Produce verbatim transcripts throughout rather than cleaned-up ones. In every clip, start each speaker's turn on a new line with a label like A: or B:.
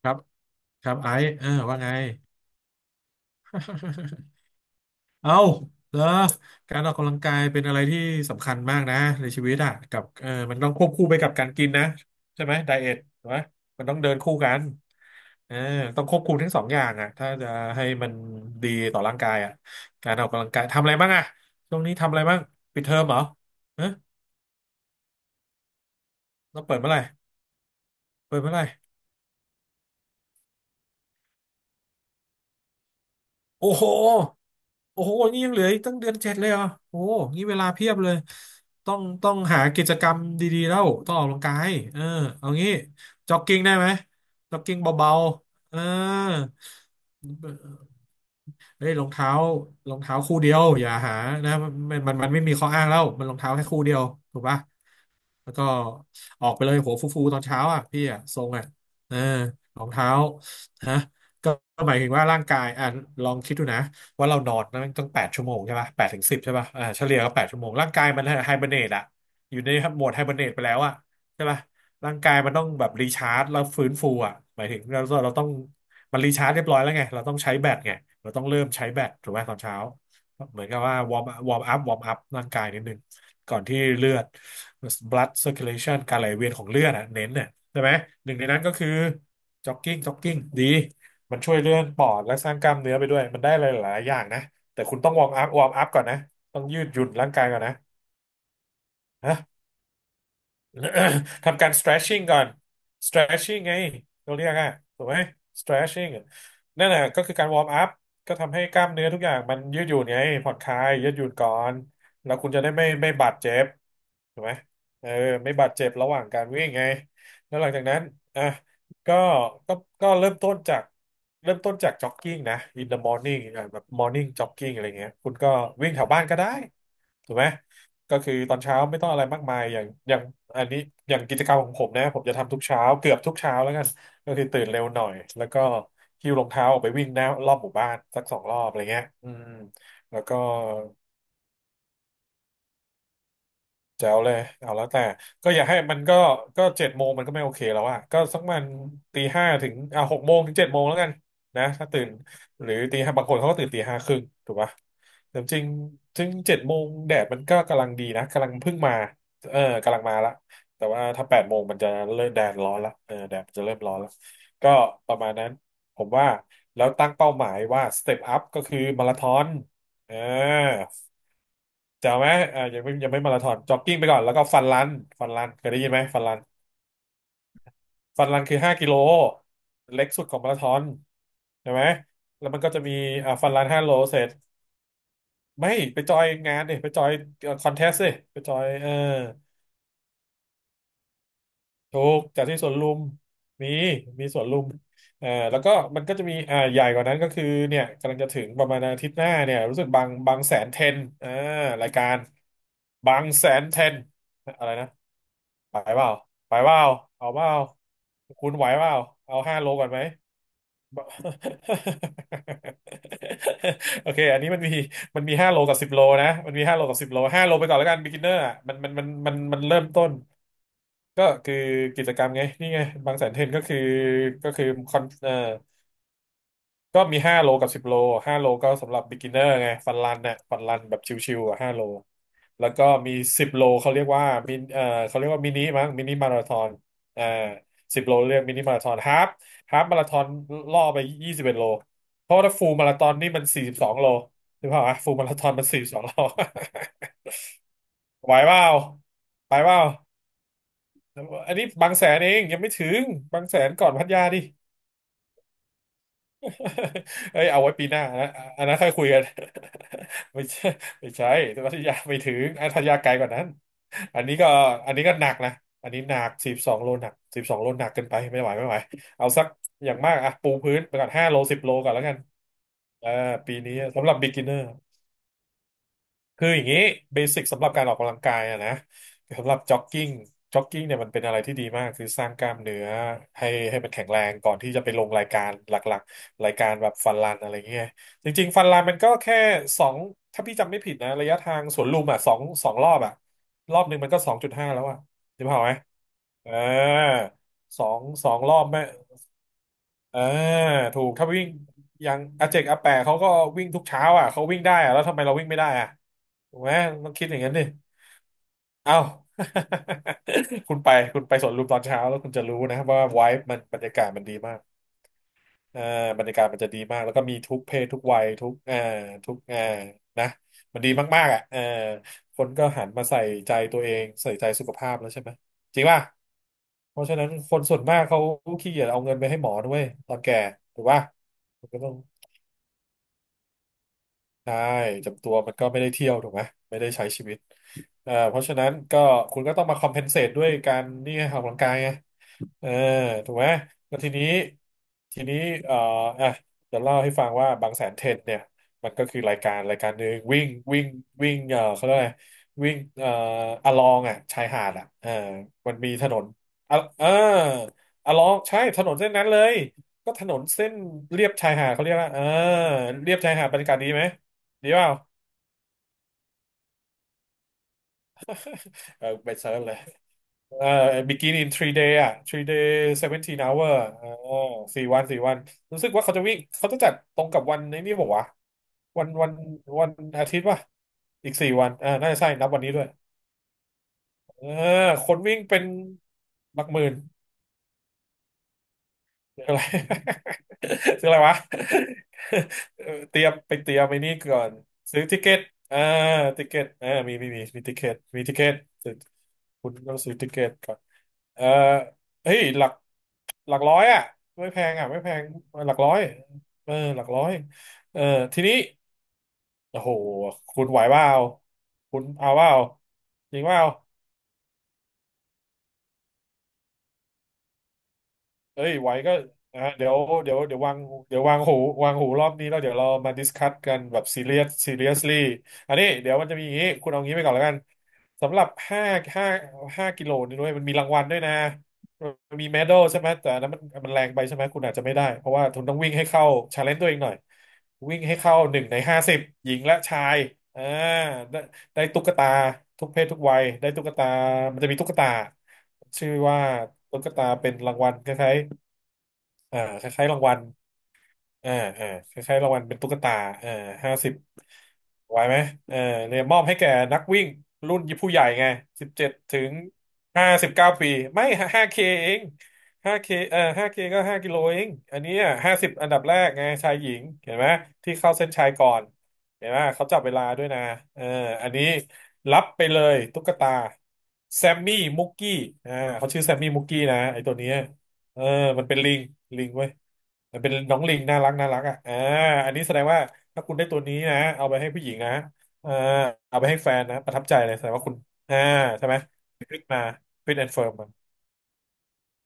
A: ครับครับไอซ์เออว่าไง เอาเหรอการออกกำลังกายเป็นอะไรที่สำคัญมากนะในชีวิตอ่ะกับเออมันต้องควบคู่ไปกับการกินนะใช่ไหมไดเอทถูกไหมมันต้องเดินคู่กันเออต้องควบคุมทั้งสองอย่างอ่ะถ้าจะให้มันดีต่อร่างกายอ่ะการออกกำลังกายทำอะไรบ้างอ่ะช่วงนี้ทำอะไรบ้างปิดเทอมเหรอเอ๊ะเราเปิดเมื่อไหร่เปิดเมื่อไหร่ โอ้โหโอ้โหนี่ยังเหลืออีกตั้งเดือนเจ็ดเลยเหรอ่ะโอ้โหนี่เวลาเพียบเลยต้องต้องหากิจกรรมดีๆแล้ว ต้องออกกำลังกายเออเอางี้จ็อกกิ้งได้ไหมจ็อกกิ้งเบาๆเออเฮ้ยรองเท้ารองเท้าคู่เดียวอย่าหานะมันมันมันไม่มีข้ออ้างแล้ว มันรองเท้าแค่คู่เดียวถูกปะ แล้วก็ออกไปเลยหัวฟูๆตอนเช้าอ่ะพี่อ่ะทรงอ่ะเออรองเท้าฮะก็ก็หมายถึงว่าร่างกายอ่ะลองคิดดูนะว่าเรานอนนั่นตั้งแปดชั่วโมงใช่ป่ะแปดถึงสิบใช่ป่ะอ่าเฉลี่ยก็แปดชั่วโมงร่างกายมันไฮเบอร์เนตอ่ะอยู่ในโหมดไฮเบอร์เนตไปแล้วอ่ะใช่ป่ะร่างกายมันต้องแบบรีชาร์จแล้วฟื้นฟูอ่ะหมายถึงเราเราต้องมันรีชาร์จเรียบร้อยแล้วไงเราต้องใช้แบตไงเราต้องเริ่มใช้แบตถูกไหมตอนเช้า เหมือนกับว่าวอร์มวอร์มอัพวอร์มอัพร่างกายนิดนึงก่อนที่เลือด blood circulation การไหลเวียนของเลือดอ่ะเน้นเนี่ยใช่ไหมหนึ่งในนั้นก็คือจ็อกกิ้งจ็อกกิ้งดีมันช่วยเลื่อนปอดและสร้างกล้ามเนื้อไปด้วยมันได้หลายๆอย่างนะแต่คุณต้องวอร์มอัพวอร์มอัพก่อนนะต้องยืดหยุ่นร่างกายก่อนนะฮะ ทำการ stretching ก่อน stretching ไงเราเรียกอะถูกไหม stretching นั่นแหละก็คือการ warm up ก็ทำให้กล้ามเนื้อทุกอย่างมันยืดหยุ่นไงผ่อนคลายยืดหยุ่นก่อนแล้วคุณจะได้ไม่ไม่บาดเจ็บถูกไหมเออไม่บาดเจ็บระหว่างการวิ่งไงแล้วหลังจากนั้นอ่ะก็ก็ก็เริ่มต้นจากเริ่มต้นจาก jogging นะ in the morning อ่ะแบบ morning jogging อะไรเงี้ยคุณก็วิ่งแถวบ้านก็ได้ถูกไหม ก็คือตอนเช้าไม่ต้องอะไรมากมายอย่างอย่างอันนี้อย่างกิจกรรมของผมนะผมจะทำทุกเช้าเกือบทุกเช้าแล้วกันก็คือตื่นเร็วหน่อยแล้วก็หิ้วรองเท้าออกไปวิ่งหน้ารอบหมู่บ้านสักสองรอบอะไรเงี้ยอืมแล้วก็ แจ๋วเลยเอาแล้วแต่ก็อย่าให้มันก็ก็เจ็ดโมงมันก็ไม่โอเคแล้วอะก็สักมันตีห้าถึงอ่ะหกโมงถึงเจ็ดโมงแล้วกันนะถ้าตื่นหรือตีห้าบางคนเขาก็ตื่นตีห้าครึ่งถูกปะแต่จริงถึงเจ็ดโมงแดดมันก็กำลังดีนะกำลังเพิ่งมาเออกำลังมาละแต่ว่าถ้าแปดโมงมันจะเริ่มแดดร้อนละเออแดดมันจะเริ่มร้อนละก็ประมาณนั้นผมว่าแล้วตั้งเป้าหมายว่าสเต็ปอัพก็คือมาราธอนเออ แจ๋วไหมอ่ายังไม่ยังไม่มาราธอนจ็อกกิ้งไปก่อนแล้วก็ฟันรัน ฟันรันเคยได้ยินไหมฟันรันฟันรันคือห้ากิโลเล็กสุดของมาราธอนใช่ไหมแล้วมันก็จะมีอ่าฟันรันห้าโลเสร็จไม่ไปจอยงานดิไปจอยคอนเทสต์ดิไปจอยเออถูกจากที่สวนลุมมีมีสวนลุมเออแล้วก็มันก็จะมีอ่าใหญ่กว่านั้นก็คือเนี่ยกำลังจะถึงประมาณอาทิตย์หน้าเนี่ยรู้สึกบางบางแสนเทนอ่ารายการบางแสนเทนอะไรนะ ไปเปล่าไปเปล่าเอาเปล่าคุณไหวเปล่าเอาห้าโลก่อนไหม โอเคอันนี้มันมีมันมีห้าโลกับสิบโลนะมันมีห้าโลกับสิบโลห้าโลไปก่อนแล้วกัน beginner อ่ะมันมันมันมันมันเริ่มต้นก็คือกิจกรรมไงนี่ไงบางแสนเทรนก็คือก็คือคอนเอ่อ ก็มีห้าโลกับสิบโลห้าโลก็สำหรับ Beginner ไง ฟันรันเนี่ยฟันรันแบบชิวๆอ่ะห้าโล แล้วก็มีสิบโลเขาเรียกว่ามินเอ่อเขาเรียกว่ามินิมั้งมินิมาราธอนอ่าสิบโลเรียกมินิมาราธอนฮาฟฮาฟมาราธอนล่อไปยี่สิบเอ็ดโล เพราะว่าถ้าฟูลมาราธอนนี่มันสี่สิบสองโลถูกเปล่าวะฟูลมาราธอนมันสี่สิบสองโล ไหวเปล่าไปเปล่าอันนี้บางแสนเอง ยังไม่ถึง บางแสนก่อนพัทยาดิ เอ้ยเอาไว้ปีหน้านะอันนั้นค่อยคุยกัน ไม่ใช่ไม่ใช่แต่พัทยาไม่ถึงอ่ะพัทยาไกลกว่านั้นอันนี้ก็อันนี้ก็หนักนะอันนี้หนักสิบสองโลหนักสิบสองโลหนักเกินไปไม่ไหวไม่ไหวเอาสักอย่างมากอ่ะปูพื้นไปก่อนห้าโลสิบโลก่อนแล้วกันเออปีนี้สำหรับ beginner คืออย่างนี้เบสิกสำหรับการออกกำลังกายอะนะสำหรับจ็อกกิ้งจ็อกกิ้งเนี่ยมันเป็นอะไรที่ดีมากคือสร้างกล้ามเนื้อให้ให้มันแข็งแรงก่อนที่จะไปลงรายการหลักๆรายการแบบฟันรันอะไรเงี้ยจริงๆฟันรันมันก็แค่สองถ้าพี่จำไม่ผิดนะระยะทางสวนลุมอ่ะสองสองรอบอ่ะรอบหนึ่งมันก็สองจุดห้าแล้วอ่ะจำเปล่าไหมเออสองสองรอบแม่ อ่าถูกถ้าวิ่งอย่างอาเจกอาแปะเขาก็วิ่งทุกเช้าอ่ะเขาวิ่งได้อ่ะแล้วทำไมเราวิ่งไม่ได้อ่ะถูกไหมต้องคิดอย่างนั้นดิเอ้า คุณไปคุณไปสวนลุมตอนเช้าแล้วคุณจะรู้นะว่าไวบ์มันบรรยากาศมันดีมาก อ่าบรรยากาศมันจะดีมากแล้วก็มีทุกเพศทุกวัยทุกอ่าทุกอ่านะมันดีมากๆอ่ะเออคนก็หันมาใส่ใจตัวเองใส่ใจสุขภาพแล้วใช่ไหมจริงป่ะเพราะฉะนั้นคนส่วนมากเขาขี้เกียจเอาเงินไปให้หมอด้วยตอนแก่ถูกป่ะมันก็ต้องใช่จำตัวมันก็ไม่ได้เที่ยวถูกไหมไม่ได้ใช้ชีวิตเอ่อเพราะฉะนั้นก็คุณก็ต้องมาคอมเพนเซตด้วยการนี่ไงออกกำลังกายไง เออถูกไหมแล้วทีนี้ทีนี้เอ่ออ่ะจะเล่าให้ฟังว่าบางแสนเทนเนี่ยมันก็คือรายการรายการหนึ่งวิ่งวิ่งวิ่งเอ่อเขาเรียกอะไรวิ่งเอ่ออะลองอ่ะชายหาดอ่ะเออมันมีถนนอะเอออะลองใช่ถนนเส้นนั้นเลยก็ถนนเส้นเลียบชายหาดเขาเรียกว่าเออเลียบชายหาดบรรยากาศดีไหมดีเปล่าเออไปเซิร์ชเลย เอ่อ begin in three day อ่ะ three day seventeen hour อ่อสี่วันสี่วันรู้สึกว่าเขาจะวิ่งเขาจะจัดตรงกับวันนี้นี่บอกว่าวะวันวันวันอาทิตย์ป่ะอีกสี่วันอ่าน่าจะใช่นับวันนี้ด้วยเออคนวิ่งเป็นหลักหมื่นคืออะไร ซือ อะไรวะเออเตรียมไปเตรียมไปนี่ก่อนซื้อติเกตอ่าติเกตอ่ามีมีมีมีติเกตมีติเกตคุณต้องซื้อติเกตก่อนเออเฮ้ยหลัก หลักร้อยอ่ะไม่แพงอ่ะไม่แพงหลักร้อยเออหลักร้อยเออทีนี้โอ้โหคุณไหวเปล่าคุณเอาเปล่าจริงเปล่า เอ้ยไหวก็อ่าเดี๋ยวเดี๋ยวเดี๋ยววางเดี๋ยววางหูวางหูรอบนี้แล้วเดี๋ยวเรามาดิสคัสกันแบบซีเรียส ซีเรียสลี่อันนี้เดี๋ยวมันจะมีอย่างนี้คุณเอางี้ไปก่อนแล้วกัน สำหรับห้าห้าห้ากิโลนี่ด้วย มันมีรางวัลด้วยนะมันมีเมดัลใช่ไหม แต่อันนั้นมันมันแรงไปใช่ไหม คุณอาจจะไม่ได้ เพราะว่าคุณต้องวิ่งให้เข้าชาเลนจ์ตัวเองหน่อย วิ่งให้เข้าหนึ่งในห้าสิบหญิงและชายอ่าได้ได้ตุ๊กตาทุกเพศทุกวัยได้ตุ๊กตามันจะมีตุ๊กตาชื่อว่าตุ๊กตาเป็นรางวัลคล้ายๆ อ่าคล้ายๆรางวัลอ่าอ่าคล้ายๆรางวัลเป็นตุ๊กตาอ่าห้าสิบไหวไหมเออเนี่ยมอบให้แก่นักวิ่งรุ่นผู้ใหญ่ไงสิบเจ็ดถึงห้าสิบเก้าปีไม่ห้าเคเองห้าเคเออห้าเคก็ห้ากิโลเองอันนี้ห้าสิบอันดับแรกไงชายหญิงเห็นไหมที่เข้าเส้นชัยก่อนเห็นไหมเขาจับเวลาด้วยนะเอออันนี้รับไปเลยตุ๊กตาแซมมี่มุกกี้อ่าเขาชื่อแซมมี่มุกกี้นะไอตัวเนี้ย เออมันเป็นลิงลิงเว้ยมันเป็นน้องลิงน่ารักน่ารักอ่ะอ่าอันนี้แสดงว่าถ้าคุณได้ตัวนี้นะเอาไปให้ผู้หญิงนะเอาเอาไปให้แฟนนะประทับใจเลยแสดงว่าคุณอ่าใช่ไหมฟิตมาฟิตแอนด์เฟิร์มมา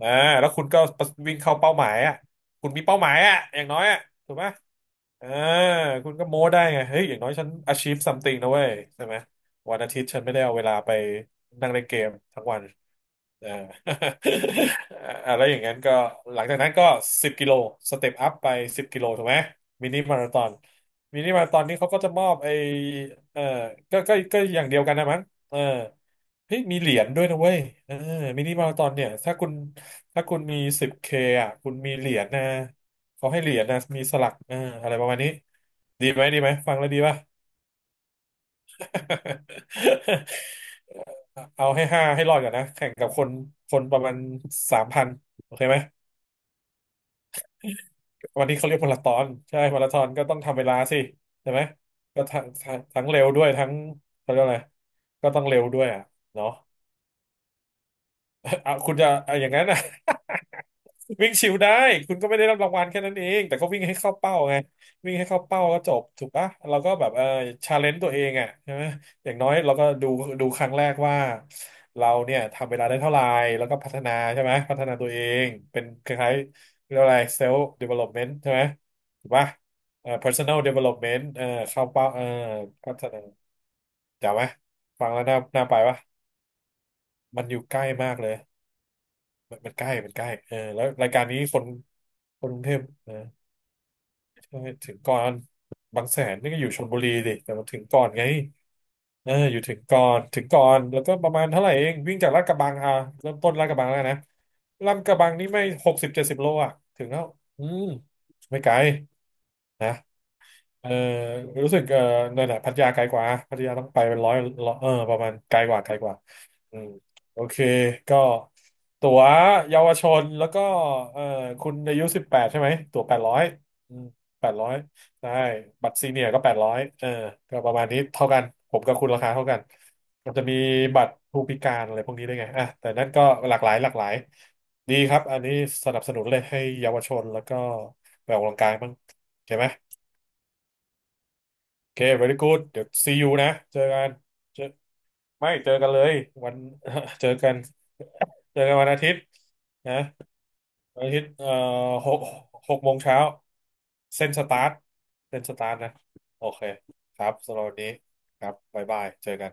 A: อ่าแล้วคุณก็วิ่งเข้าเป้าหมายอ่ะคุณมีเป้าหมายอ่ะอย่างน้อยอ่ะถูกไหมเออคุณก็โม้ได้ไงเฮ้ยอย่างน้อยฉัน achieve something นะเว้ยใช่ไหมวันอาทิตย์ฉันไม่ได้เอาเวลาไปนั่งเล่นเกมทั้งวัน เอ่า อาแล้วอย่างนั้นก็หลังจากนั้นก็สิบกิโลสเต็ปอัพไปสิบกิโลถูกไหมมินิมาราธอนมินิมาราธอนนี่เขาก็จะมอบไอเออก็ก็ก็อย่างเดียวกันนะมั้งเออเฮ้ยมีเหรียญด้วยนะเว้ยเออมินิมาราธอนเนี่ยถ้าคุณถ้าคุณมีสิบเคอ่ะคุณมีเหรียญนะเขาให้เหรียญนะมีสลักเอออะไรประมาณนี้ดีไหมดีไหมฟังแล้วดีป่ะ เอาให้ห้าให้รอดก่อนนะแข่งกับคนคนประมาณสามพันโอเคไหมวันนี้เขาเรียกมาราธอนใช่มาราธอนก็ต้องทำเวลาสิใช่ไหมก็ทั้งทั้งทั้งเร็วด้วยทั้งเขาเรียกอะไรก็ต้องเร็วด้วยอ่ะเนาะ เอาคุณจะเอาอย่างนั้นนะ วิ่งชิวได้คุณก็ไม่ได้รับรางวัลแค่นั้นเองแต่ก็วิ่งให้เข้าเป้าไงวิ่งให้เข้าเป้าก็จบถูกปะเราก็แบบเออชาเลนจ์ตัวเองอ่ะใช่ไหมอย่างน้อยเราก็ดูดูครั้งแรกว่าเราเนี่ยทำเวลาได้เท่าไหร่แล้วก็พัฒนาใช่ไหมพัฒนาตัวเองเป็นคล้ายๆเรียกว่าอะไรเซลล์เดเวล็อปเมนต์ใช่ไหมถูกปะเอ่อ เพอร์ซันนอล ดีเวล็อปเมนต์ เอ่อเข้าเป้าเอ่อพัฒนาจำไหมฟังแล้วน่าน่าไปปะมันอยู่ใกล้มากเลย มันมันใกล้มันใกล้เออแล้วรายการนี้คนคนกรุงเทพนะใช่ถึงก่อนบางแสนนี่ก็อยู่ชลบุรีดิแต่มันถึงก่อนไงเอออยู่ถึงก่อนถึงก่อนแล้วก็ประมาณเท่าไหร่เอง วิ่งจากลาดกระบังอ่ะเริ่มต้นลาดกระบังแล้วนะลาดกระบังนี่ไม่หกสิบเจ็ดสิบโลอ่ะถึงแล้วอืมไม่ไกลนะ เออรู้สึกเออนั่นแหละพัทยาไกลกว่าพัทยาต้องไปเป็นร้อยร้อยเออประมาณไกลกว่าไกลกว่าอืมโอเคก็ตั๋วเยาวชนแล้วก็เออคุณอายุสิบแปดใช่ไหมตั๋วแปดร้อยอืมแปดร้อยได้บัตรซีเนียร์ก็แปดร้อยเออก็ประมาณนี้เท่ากันผมกับคุณราคาเท่ากันมันจะมีบัตรผู้พิการอะไรพวกนี้ได้วยไงอ่ะแต่นั่นก็หลากหลายหลากหลายดีครับอันนี้สนับสนุนเลยให้เยาวชนแล้วก็ไปออกกำลังกายบ้างใช่ไหม โอเค เวรี่กู๊ด เดี๋ยว ซียู นะเจอกันเจอไม่เจอกันเลยวัน เจอกันเจอกันวันอาทิตย์นะวันอาทิตย์เอ่อหกหกโมงเช้าเส้นสตาร์ทเส้นสตาร์ทนะ โอเคครับ สำหรับวันนี้ครับบ๊ายบายเจอกัน